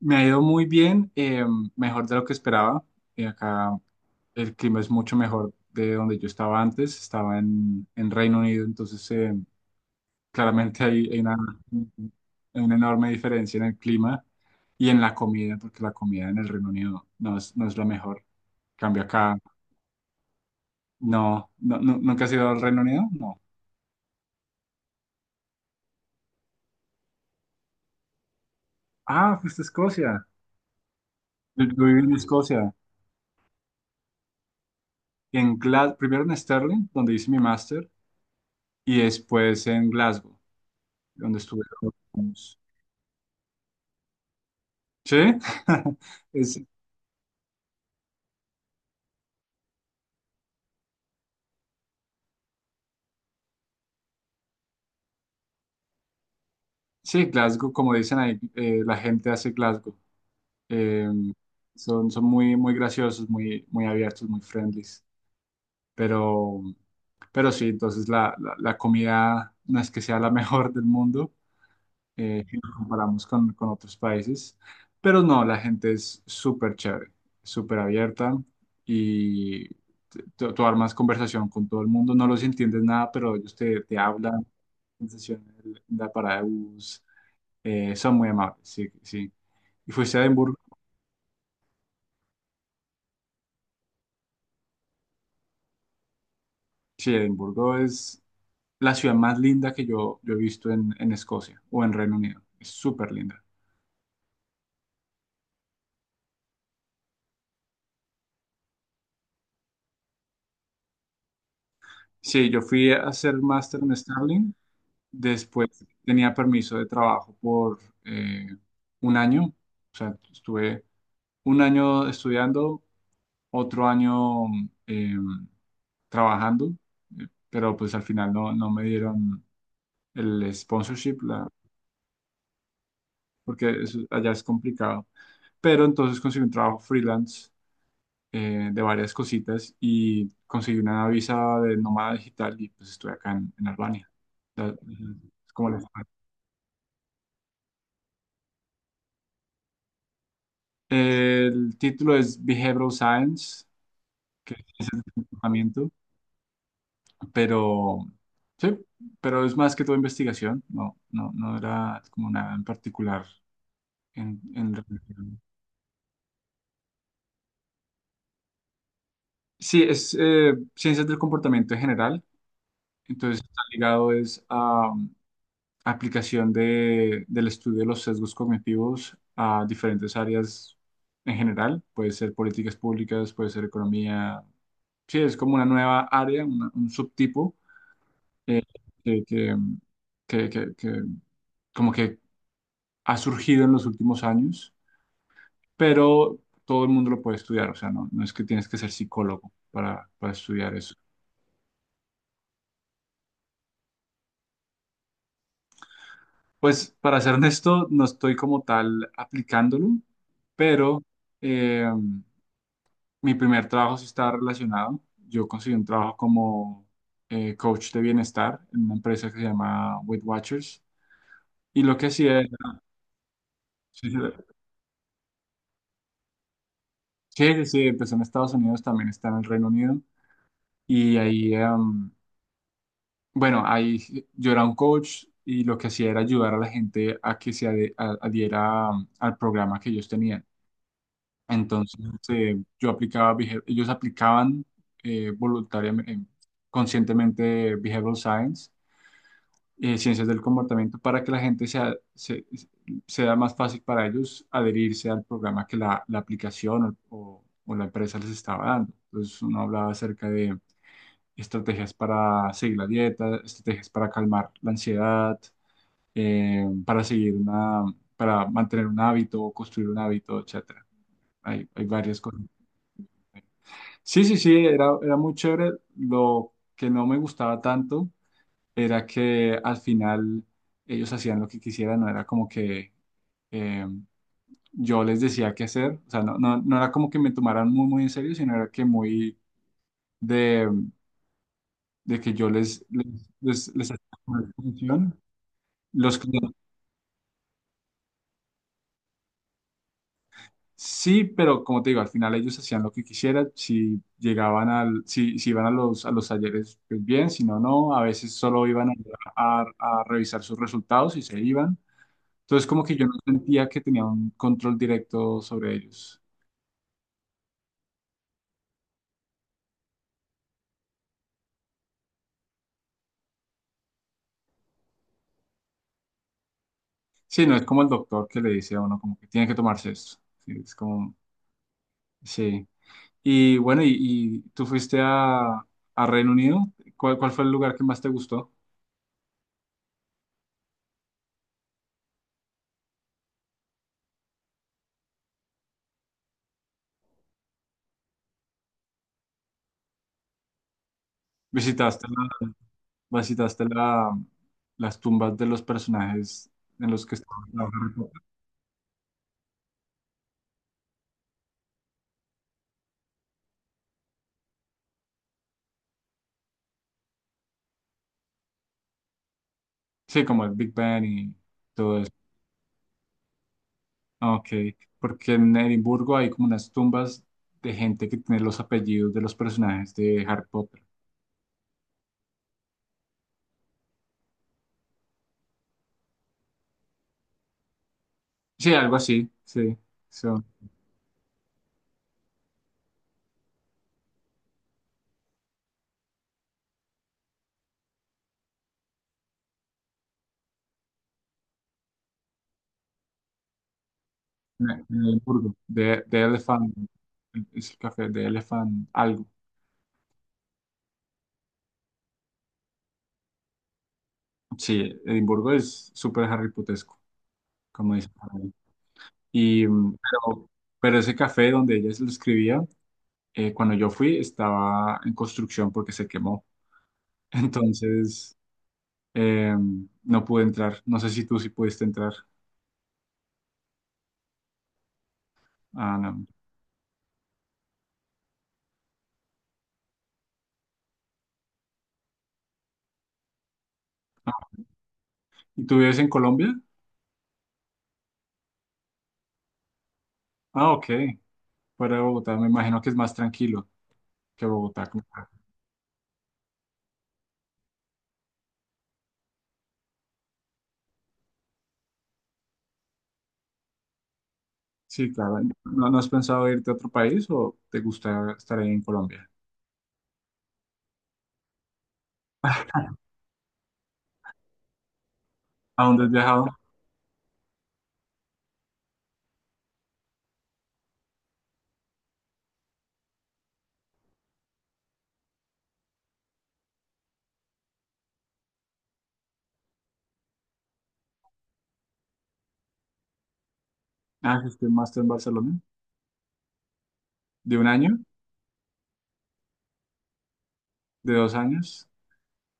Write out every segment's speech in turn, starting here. Me ha ido muy bien, mejor de lo que esperaba. Acá el clima es mucho mejor de donde yo estaba antes. Estaba en Reino Unido, entonces claramente hay una enorme diferencia en el clima y en la comida, porque la comida en el Reino Unido no no es la mejor. Cambio acá, no, no, ¿nunca has ido al Reino Unido? No. Ah, fuiste a Escocia. Yo viví en Escocia, en primero en Stirling, donde hice mi máster, y después en Glasgow, donde estuve. Sí, es, sí, Glasgow, como dicen ahí, la gente hace Glasgow. Eh, Son, son muy, muy graciosos, muy, muy abiertos, muy friendlies. Pero, pero sí, entonces la comida no es que sea la mejor del mundo, si lo comparamos con otros países. Pero no, la gente es súper chévere, súper abierta y tú armas conversación con todo el mundo. No los entiendes nada, pero ellos te hablan sensacional, la parada de bus, son muy amables, sí, sí. Y fuiste a Edimburgo, sí, Edimburgo es la ciudad más linda que yo he visto en Escocia o en Reino Unido, es súper linda. Sí, yo fui a hacer máster en Stirling, después tenía permiso de trabajo por eh, un año, o sea, estuve un año estudiando, otro año eh, trabajando, pero pues al final no, no me dieron el sponsorship, la, allá es complicado. Pero entonces conseguí un trabajo freelance de varias cositas y conseguí una visa de nómada digital y pues estoy acá en Albania. O sea, es como la- el título es Behavioral Science, que es tratamiento, pero sí, pero es más que todo investigación, no, no, no era como nada en particular en relación. Sí, es ciencias del comportamiento en general. Entonces, está ligado es a aplicación del estudio de los sesgos cognitivos a diferentes áreas en general. Puede ser políticas públicas, puede ser economía. Sí, es como una nueva área, un subtipo eh, que, que, que como que ha surgido en los últimos años, pero todo el mundo lo puede estudiar. O sea, no, no es que tienes que ser psicólogo para estudiar eso. Pues para ser honesto, no estoy como tal aplicándolo, pero... eh, mi primer trabajo sí estaba relacionado. Yo conseguí un trabajo como coach de bienestar en una empresa que se llama Weight Watchers. Y lo que hacía era, sí, sí, sí, sí, sí, empezó en Estados Unidos, también está en el Reino Unido. Y ahí, bueno, ahí yo era un coach y lo que hacía era ayudar a la gente a que adhiera al programa que ellos tenían. Entonces, yo aplicaba, ellos aplicaban voluntariamente, conscientemente behavioral science, ciencias del comportamiento para que la gente sea más fácil para ellos adherirse al programa que la aplicación o la empresa les estaba dando. Entonces uno hablaba acerca de estrategias para seguir la dieta, estrategias para calmar la ansiedad, eh, para seguir una, para mantener un hábito o construir un hábito, etcétera. Hay varias cosas. Sí, sí, sí, era, era muy chévere. Lo que no me gustaba tanto era que al final ellos hacían lo que quisieran, no era como que eh, yo les decía qué hacer, o sea, no, no, no era como que me tomaran muy, muy en serio, sino era que muy de, de que yo les hacía como la función. Los clientes, sí, pero como te digo, al final ellos hacían lo que quisieran, si llegaban si, si iban a a los talleres, pues bien, si no, no, a veces solo iban a a revisar sus resultados y se iban. Entonces, como que yo no sentía que tenía un control directo sobre ellos. Sí, no es como el doctor que le dice a uno como que tiene que tomarse esto. Sí, es como, sí. Y bueno, y tú fuiste a Reino Unido. ¿Cuál, cuál fue el lugar que más te gustó? ¿Visitaste la, ¿visitaste la, las tumbas de los personajes en los que estaban trabajando? Sí, como el Big Ben y todo eso. Ah, ok, porque en Edimburgo hay como unas tumbas de gente que tiene los apellidos de los personajes de Harry Potter. Sí, algo así, sí. So, en Edimburgo, de Elephant, es el café de Elephant algo. Sí, Edimburgo es súper Harry Potesco, como dice por ahí. Y, pero, pero ese café donde ella se lo escribía, cuando yo fui, estaba en construcción porque se quemó. Entonces, eh, no pude entrar. No sé si tú sí pudiste entrar. Ah, no. No. ¿Y tú vives en Colombia? Ah, ok. Para Bogotá, me imagino que es más tranquilo que Bogotá. Sí, claro. ¿No, no has pensado irte a otro país o te gusta estar ahí en Colombia? ¿A dónde has viajado? Ah, hiciste un máster en Barcelona. ¿De un año? ¿De dos años?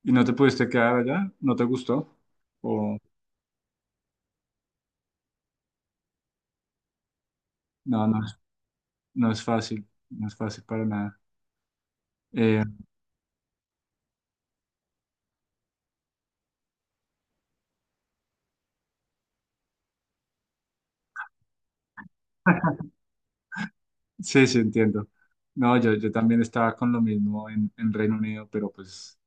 ¿Y no te pudiste quedar allá? ¿No te gustó? O no, no es fácil. No es fácil para nada. Eh, sí, sí, entiendo. No, yo también estaba con lo mismo en Reino Unido, pero pues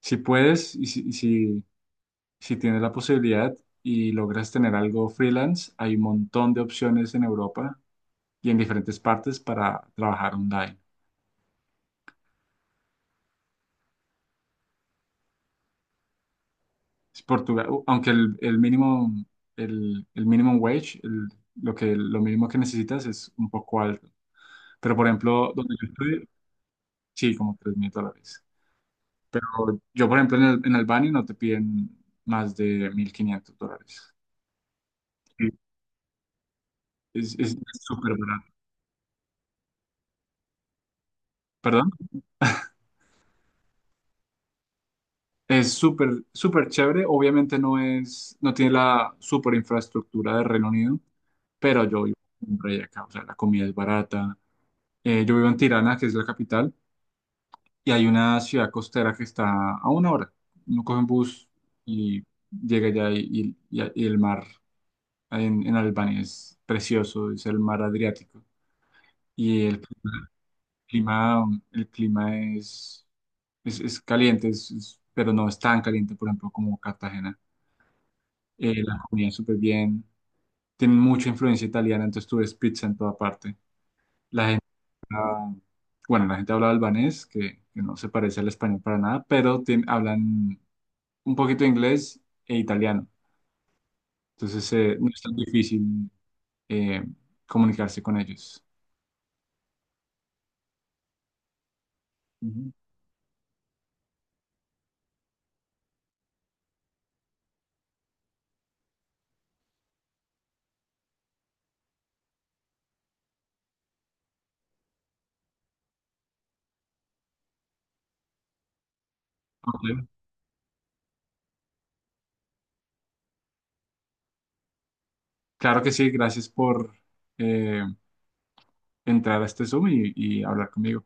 si puedes si tienes la posibilidad y logras tener algo freelance, hay un montón de opciones en Europa y en diferentes partes para trabajar online. Es Portugal, aunque el mínimo, el minimum wage, lo que, lo mínimo que necesitas es un poco alto. Pero, por ejemplo, donde yo estoy, sí, como $3,000. Pero yo, por ejemplo, en Albania no te piden más de $1,500. Sí. Es súper barato. ¿Perdón? Es súper, súper chévere. Obviamente no es, no tiene la súper infraestructura de Reino Unido, pero yo vivo en un rey acá. O sea, la comida es barata. Yo vivo en Tirana, que es la capital, y hay una ciudad costera que está a una hora. Uno coge un bus y llega allá y el mar en Albania es precioso, es el mar Adriático. Y clima, el clima es caliente, pero no es tan caliente, por ejemplo, como Cartagena. La comida es súper bien, tienen mucha influencia italiana, entonces tú ves pizza en toda parte. La Ah, bueno, la gente habla albanés, que no se parece al español para nada, pero hablan un poquito de inglés e italiano. Entonces, no es tan difícil eh, comunicarse con ellos. Ujú. Ok. Claro que sí, gracias por eh, entrar a este Zoom y hablar conmigo.